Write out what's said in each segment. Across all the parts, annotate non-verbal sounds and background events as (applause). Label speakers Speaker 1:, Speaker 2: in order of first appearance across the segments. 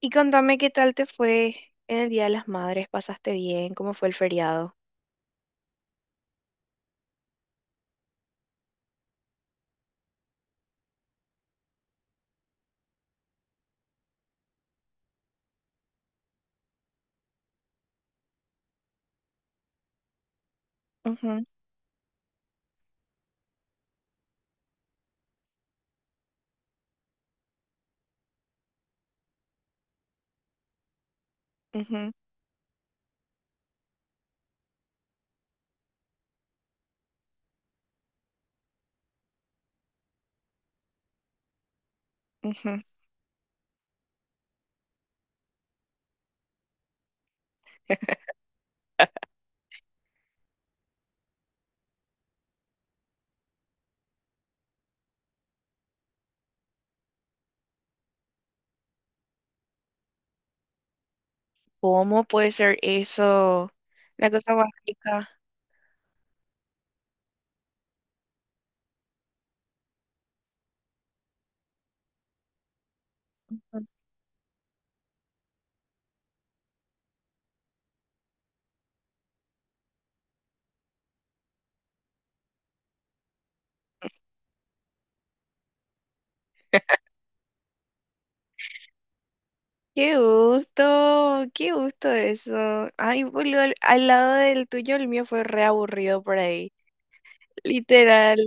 Speaker 1: Y contame qué tal te fue en el Día de las Madres, ¿pasaste bien? ¿Cómo fue el feriado? Ujú, ujú, ujú. ¿Cómo puede ser eso? La cosa más rica. Ujú. Qué gusto eso. Ay, boludo, al lado del tuyo, el mío fue re aburrido por ahí. Literal.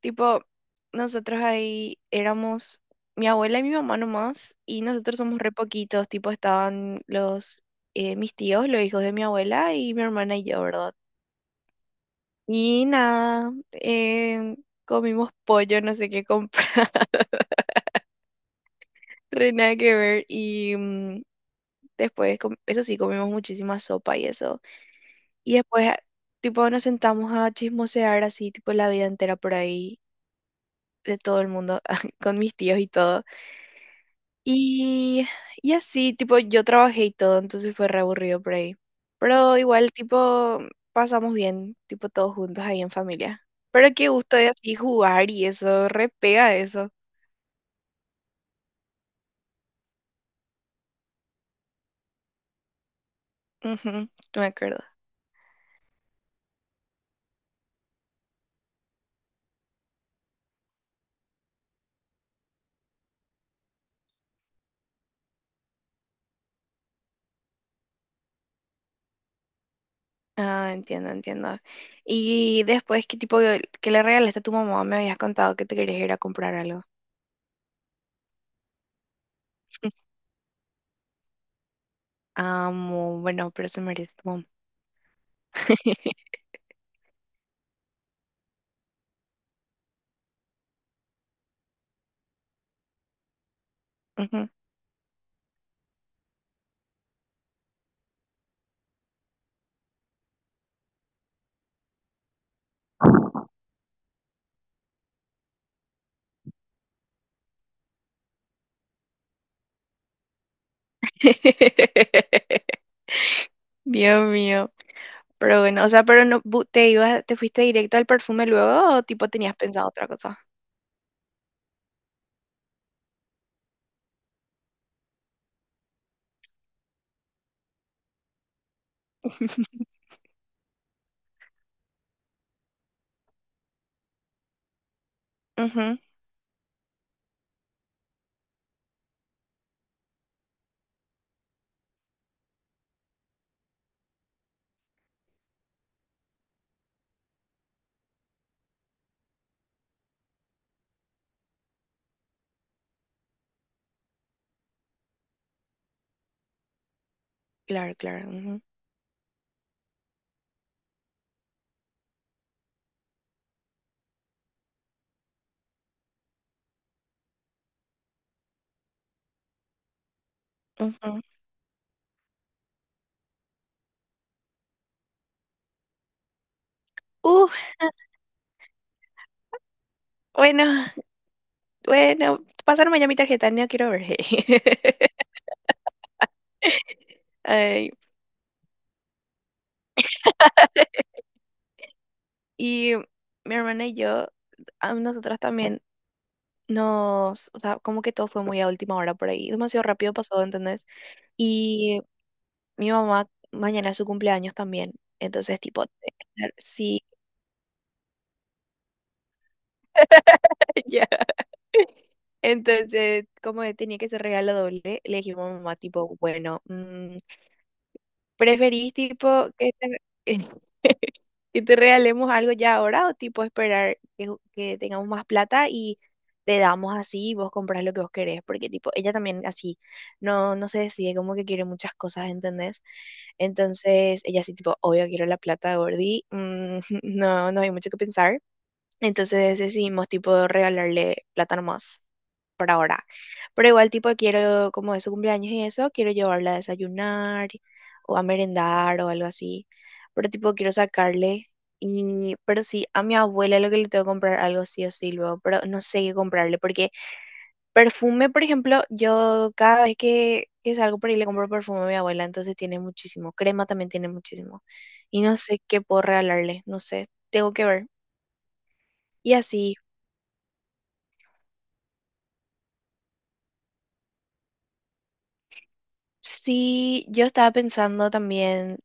Speaker 1: Tipo, nosotros ahí éramos mi abuela y mi mamá nomás, y nosotros somos re poquitos. Tipo, estaban los mis tíos, los hijos de mi abuela y mi hermana y yo, ¿verdad? Y nada, comimos pollo, no sé qué comprar, (laughs) re nada que ver. Y mm, después, eso sí, comimos muchísima sopa y eso. Y después, tipo, nos sentamos a chismosear así, tipo, la vida entera por ahí, de todo el mundo, (laughs) con mis tíos y todo. Y, y así, tipo, yo trabajé y todo, entonces fue re aburrido por ahí. Pero igual, tipo, pasamos bien, tipo, todos juntos ahí en familia. Pero qué gusto de así jugar y eso, re pega eso. Ujú, me acuerdo. Ah, entiendo, entiendo. Y después, ¿qué tipo, qué le regalaste a tu mamá? Me habías contado que te querías ir a comprar algo. Amo, bueno, pero eso merece como- (laughs) Ujú. (laughs) Dios mío. Pero bueno, o sea, pero no te ibas, te fuiste directo al perfume luego o tipo tenías pensado otra cosa. (laughs) Ujú. Claro, claro. Ujú, ujú. Uh, bueno, bueno, pásame ya mi tarjeta, no quiero ver. (laughs) Ay, y mi hermana y yo, a nosotras también nos, o sea, como que todo fue muy a última hora por ahí, demasiado rápido pasó, ¿entendés? Y mi mamá mañana es su cumpleaños también. Entonces, tipo, tenía que estar- sí, (laughs) ya. Entonces, como tenía que ser regalo doble, le dijimos a mamá, tipo, bueno, mm, ¿preferís, tipo, que te, (laughs) que te regalemos algo ya ahora o, tipo, esperar que, que tengamos más plata y te damos así y vos compras lo que vos querés? Porque, tipo, ella también así no se decide como que quiere muchas cosas, ¿entendés? Entonces, ella así, tipo, obvio, quiero la plata, Gordi, mm, (laughs) no, no hay mucho que pensar. Entonces decidimos tipo regalarle plátano más por ahora. Pero igual tipo quiero, como es su cumpleaños y eso, quiero llevarla a desayunar o a merendar o algo así. Pero tipo quiero sacarle. Y, pero sí, a mi abuela lo que le tengo que comprar algo sí o sí luego, pero no sé qué comprarle, porque perfume, por ejemplo, yo cada vez que salgo por ahí le compro perfume a mi abuela, entonces tiene muchísimo, crema también tiene muchísimo, y no sé qué puedo regalarle, no sé, tengo que ver. Y así. Sí, yo estaba pensando también,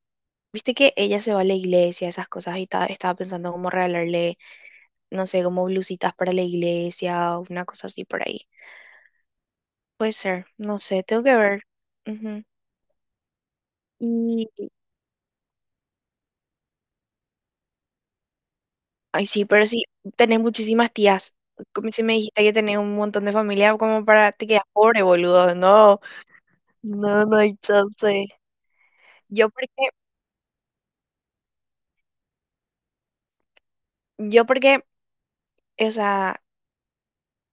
Speaker 1: viste que ella se va a la iglesia, esas cosas, y estaba pensando cómo regalarle, no sé, como blusitas para la iglesia o una cosa así por ahí. Puede ser, no sé, tengo que ver. Ujú. Y, ay, sí, pero sí, tenés muchísimas tías. Como si me dijiste que tenés un montón de familia, como para te quedas pobre, boludo. No, no, no hay chance. Yo porque, yo porque, o sea.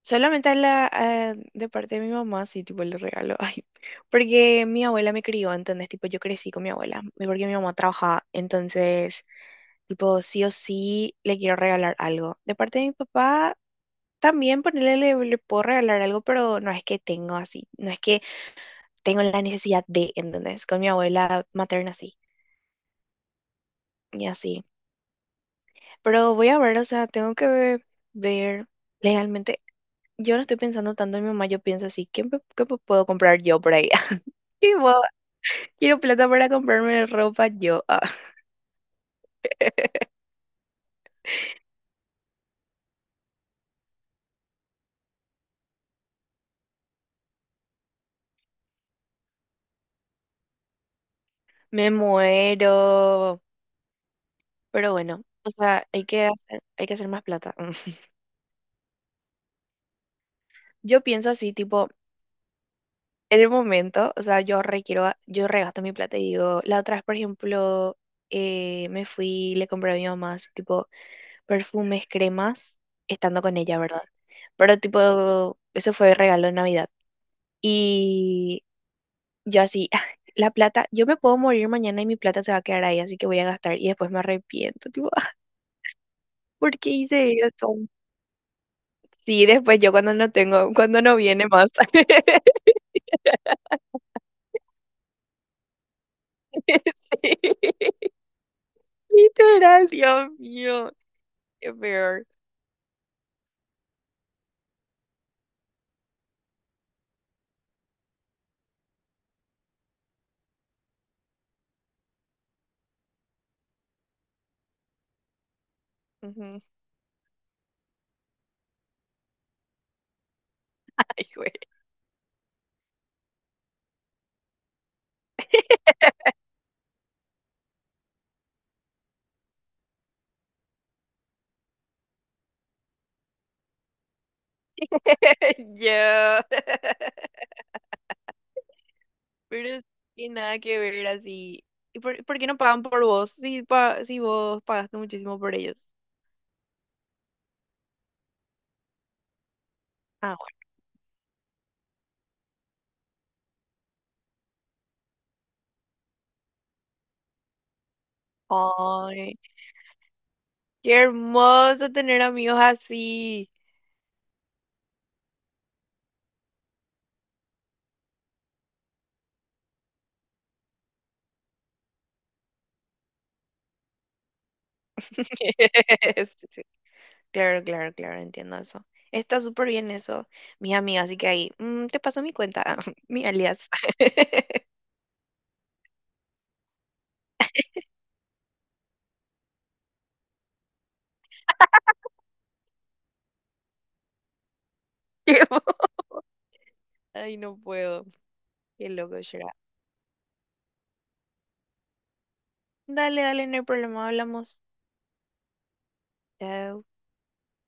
Speaker 1: Solamente a la, de parte de mi mamá, sí, tipo, le regalo. (laughs) Ay, porque mi abuela me crió, entonces, tipo, yo crecí con mi abuela, y porque mi mamá trabajaba. Entonces, tipo, sí o sí le quiero regalar algo. De parte de mi papá, también ponerle, le puedo regalar algo, pero no es que tengo así, no es que tengo la necesidad de, ¿entendés? Con mi abuela materna, sí, y así. Pero voy a ver, o sea, tengo que ver legalmente. Yo no estoy pensando tanto en mi mamá, yo pienso así, ¿qué, qué me puedo comprar yo por ahí? (laughs) Y vos, quiero plata para comprarme ropa yo. Ah, (laughs) me muero. Pero bueno, o sea, hay que hacer más plata. (laughs) Yo pienso así, tipo, en el momento, o sea, yo requiero, yo regasto mi plata y digo, la otra vez, por ejemplo, me fui, le compré a mi mamá, así, tipo, perfumes, cremas, estando con ella, ¿verdad? Pero tipo, eso fue regalo de Navidad. Y yo así, "Ah, la plata, yo me puedo morir mañana y mi plata se va a quedar ahí, así que voy a gastar y después me arrepiento". Tipo, "Ah, ¿por qué hice eso?". Sí, después yo cuando no tengo, cuando no viene más. (laughs) Sí, literal, Dios mío, qué peor. Ujú. Ay, güey. (laughs) Yo, pero sí, nada que ver así. ¿Y por qué no pagan por vos? Si, si vos pagaste muchísimo por ellos. Ah, bueno. Ay, qué hermoso tener amigos así. (laughs) Claro, claro, claro, entiendo eso. Está súper bien eso, mi amiga, así que ahí, mm, te paso mi cuenta, (laughs) mi alias. (laughs) Qué bo- Ay, no puedo. Qué loco será. Dale, dale, no hay problema, hablamos. Chao.